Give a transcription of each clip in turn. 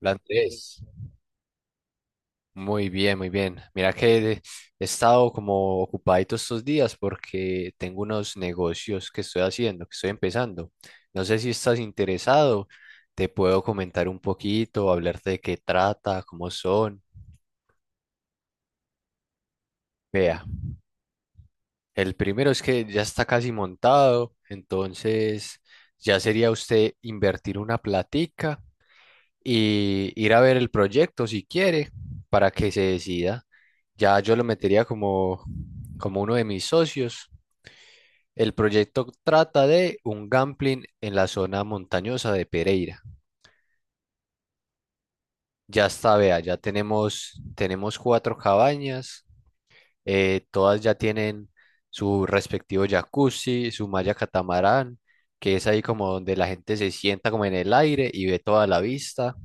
Hola Andrés, muy bien, muy bien. Mira que he estado como ocupadito estos días porque tengo unos negocios que estoy haciendo, que estoy empezando. No sé si estás interesado, te puedo comentar un poquito, hablarte de qué trata, cómo son. Vea, el primero es que ya está casi montado, entonces ya sería usted invertir una platica y ir a ver el proyecto si quiere para que se decida. Ya yo lo metería como uno de mis socios. El proyecto trata de un gambling en la zona montañosa de Pereira. Ya está, vea, ya tenemos cuatro cabañas, todas ya tienen su respectivo jacuzzi, su malla catamarán, que es ahí como donde la gente se sienta como en el aire y ve toda la vista.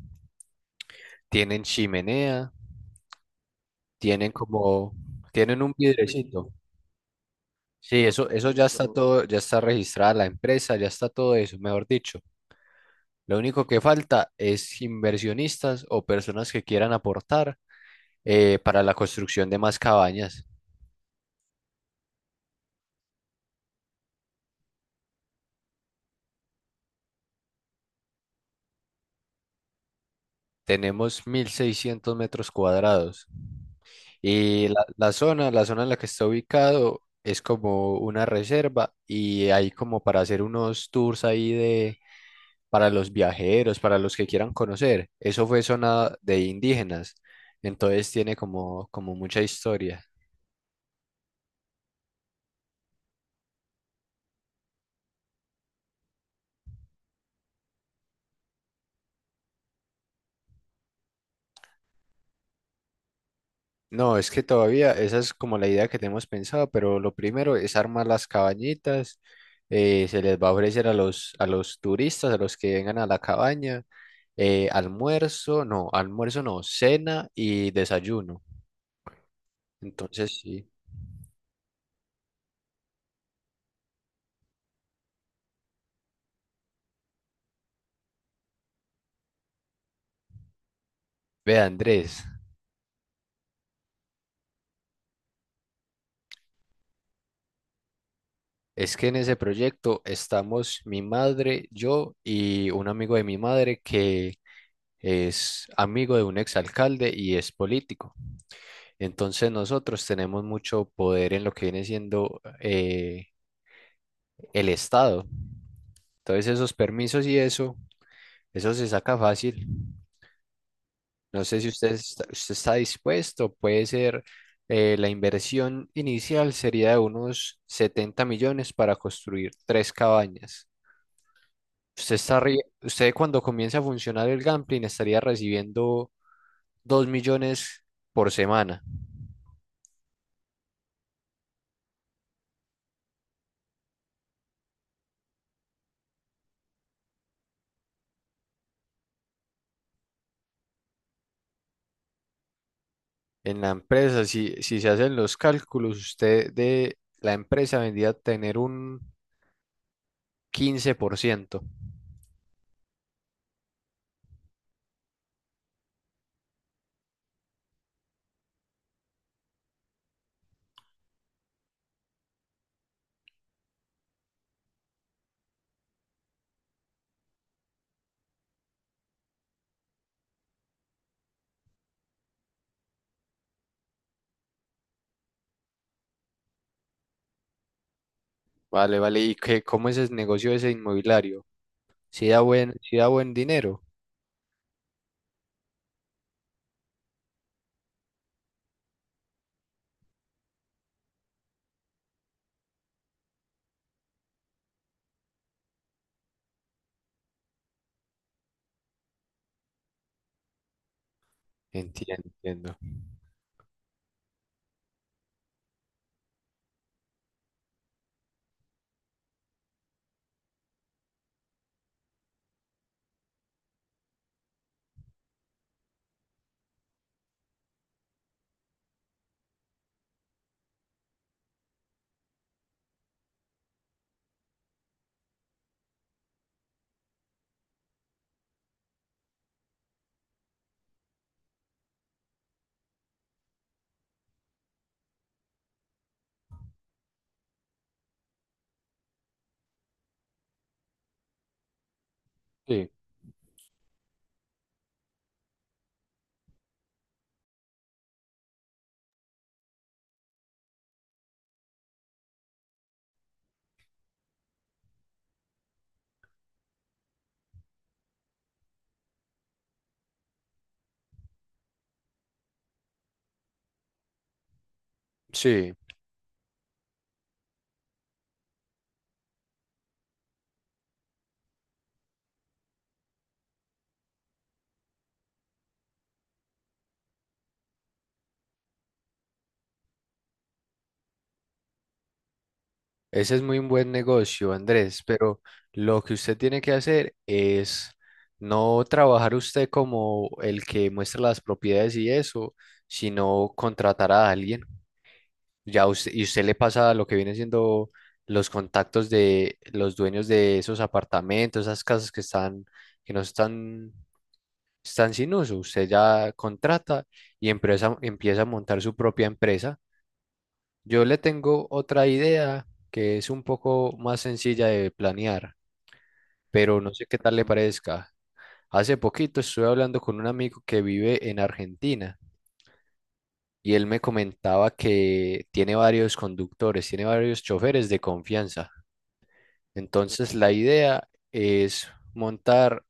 Tienen chimenea. Tienen como, tienen un vidrecito. Sí, eso ya está todo, ya está registrada la empresa, ya está todo eso, mejor dicho. Lo único que falta es inversionistas o personas que quieran aportar, para la construcción de más cabañas. Tenemos 1.600 metros cuadrados y la zona en la que está ubicado es como una reserva y hay como para hacer unos tours ahí de para los viajeros, para los que quieran conocer. Eso fue zona de indígenas, entonces tiene como mucha historia. No, es que todavía esa es como la idea que tenemos pensado, pero lo primero es armar las cabañitas. Se les va a ofrecer a los turistas, a los que vengan a la cabaña, almuerzo no, cena y desayuno. Entonces, sí. Ve, Andrés, es que en ese proyecto estamos mi madre, yo y un amigo de mi madre que es amigo de un exalcalde y es político. Entonces nosotros tenemos mucho poder en lo que viene siendo, el Estado. Entonces esos permisos y eso se saca fácil. No sé si usted está dispuesto, puede ser, la inversión inicial sería de unos 70 millones para construir tres cabañas. Usted, cuando comience a funcionar el gambling, estaría recibiendo 2 millones por semana en la empresa. Si se hacen los cálculos, usted de la empresa vendría a tener un 15%. Vale, vale. ¿Y qué, cómo es el negocio ese inmobiliario? Si da buen dinero. Entiendo, entiendo. Sí, sí. Ese es muy un buen negocio, Andrés, pero lo que usted tiene que hacer es no trabajar usted como el que muestra las propiedades y eso, sino contratar a alguien. Ya usted, y usted le pasa lo que viene siendo los contactos de los dueños de esos apartamentos, esas casas que están, que no están, están sin uso. Usted ya contrata y empieza a montar su propia empresa. Yo le tengo otra idea que es un poco más sencilla de planear, pero no sé qué tal le parezca. Hace poquito estuve hablando con un amigo que vive en Argentina y él me comentaba que tiene varios conductores, tiene varios choferes de confianza. Entonces la idea es montar,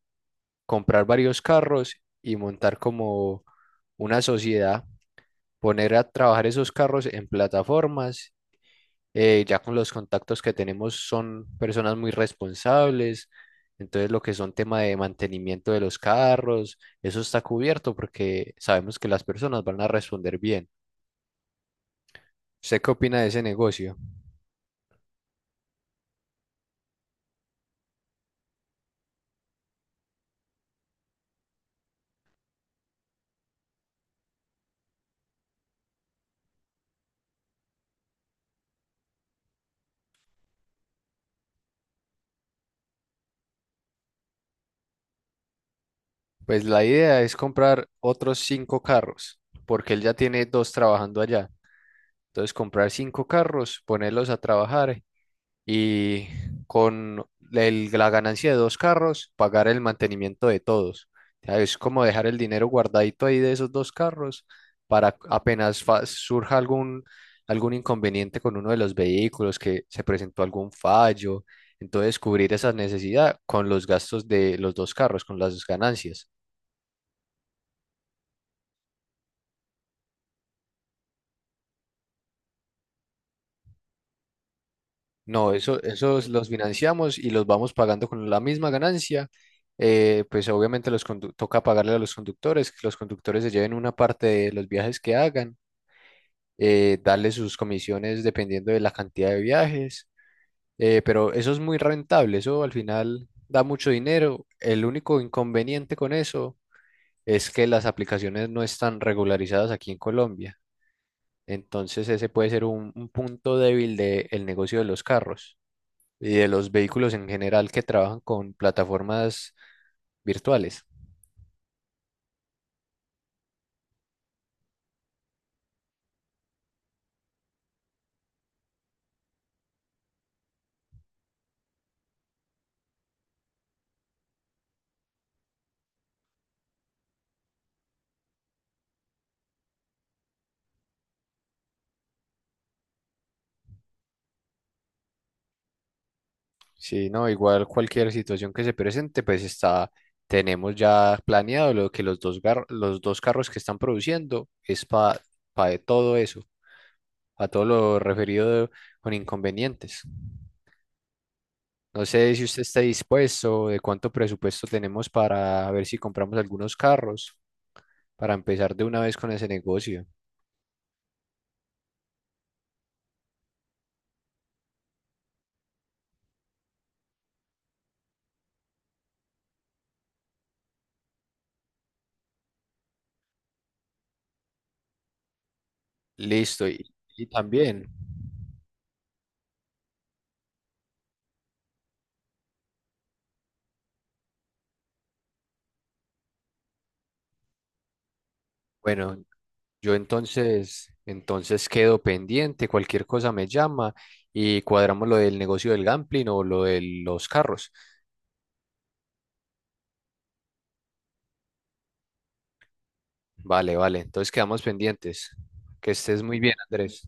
comprar varios carros y montar como una sociedad, poner a trabajar esos carros en plataformas. Ya con los contactos que tenemos son personas muy responsables, entonces lo que son tema de mantenimiento de los carros, eso está cubierto porque sabemos que las personas van a responder bien. ¿Usted qué opina de ese negocio? Pues la idea es comprar otros cinco carros, porque él ya tiene dos trabajando allá. Entonces comprar cinco carros, ponerlos a trabajar y con la ganancia de dos carros, pagar el mantenimiento de todos. O sea, es como dejar el dinero guardadito ahí de esos dos carros para apenas surja algún inconveniente con uno de los vehículos, que se presentó algún fallo. Entonces, cubrir esa necesidad con los gastos de los dos carros, con las ganancias. No, eso, esos los financiamos y los vamos pagando con la misma ganancia. Pues obviamente toca pagarle a los conductores, que los conductores se lleven una parte de los viajes que hagan, darle sus comisiones dependiendo de la cantidad de viajes. Pero eso es muy rentable, eso al final da mucho dinero. El único inconveniente con eso es que las aplicaciones no están regularizadas aquí en Colombia. Entonces ese puede ser un punto débil del negocio de los carros y de los vehículos en general que trabajan con plataformas virtuales. Sí, no, igual cualquier situación que se presente, pues está, tenemos ya planeado lo que los dos carros que están produciendo es para todo eso, a todo lo referido con inconvenientes. No sé si usted está dispuesto, de cuánto presupuesto tenemos para ver si compramos algunos carros, para empezar de una vez con ese negocio. Listo, y también, bueno, yo entonces quedo pendiente, cualquier cosa me llama y cuadramos lo del negocio del gambling o lo de los carros. Vale, vale, entonces quedamos pendientes. Que estés muy bien, Andrés.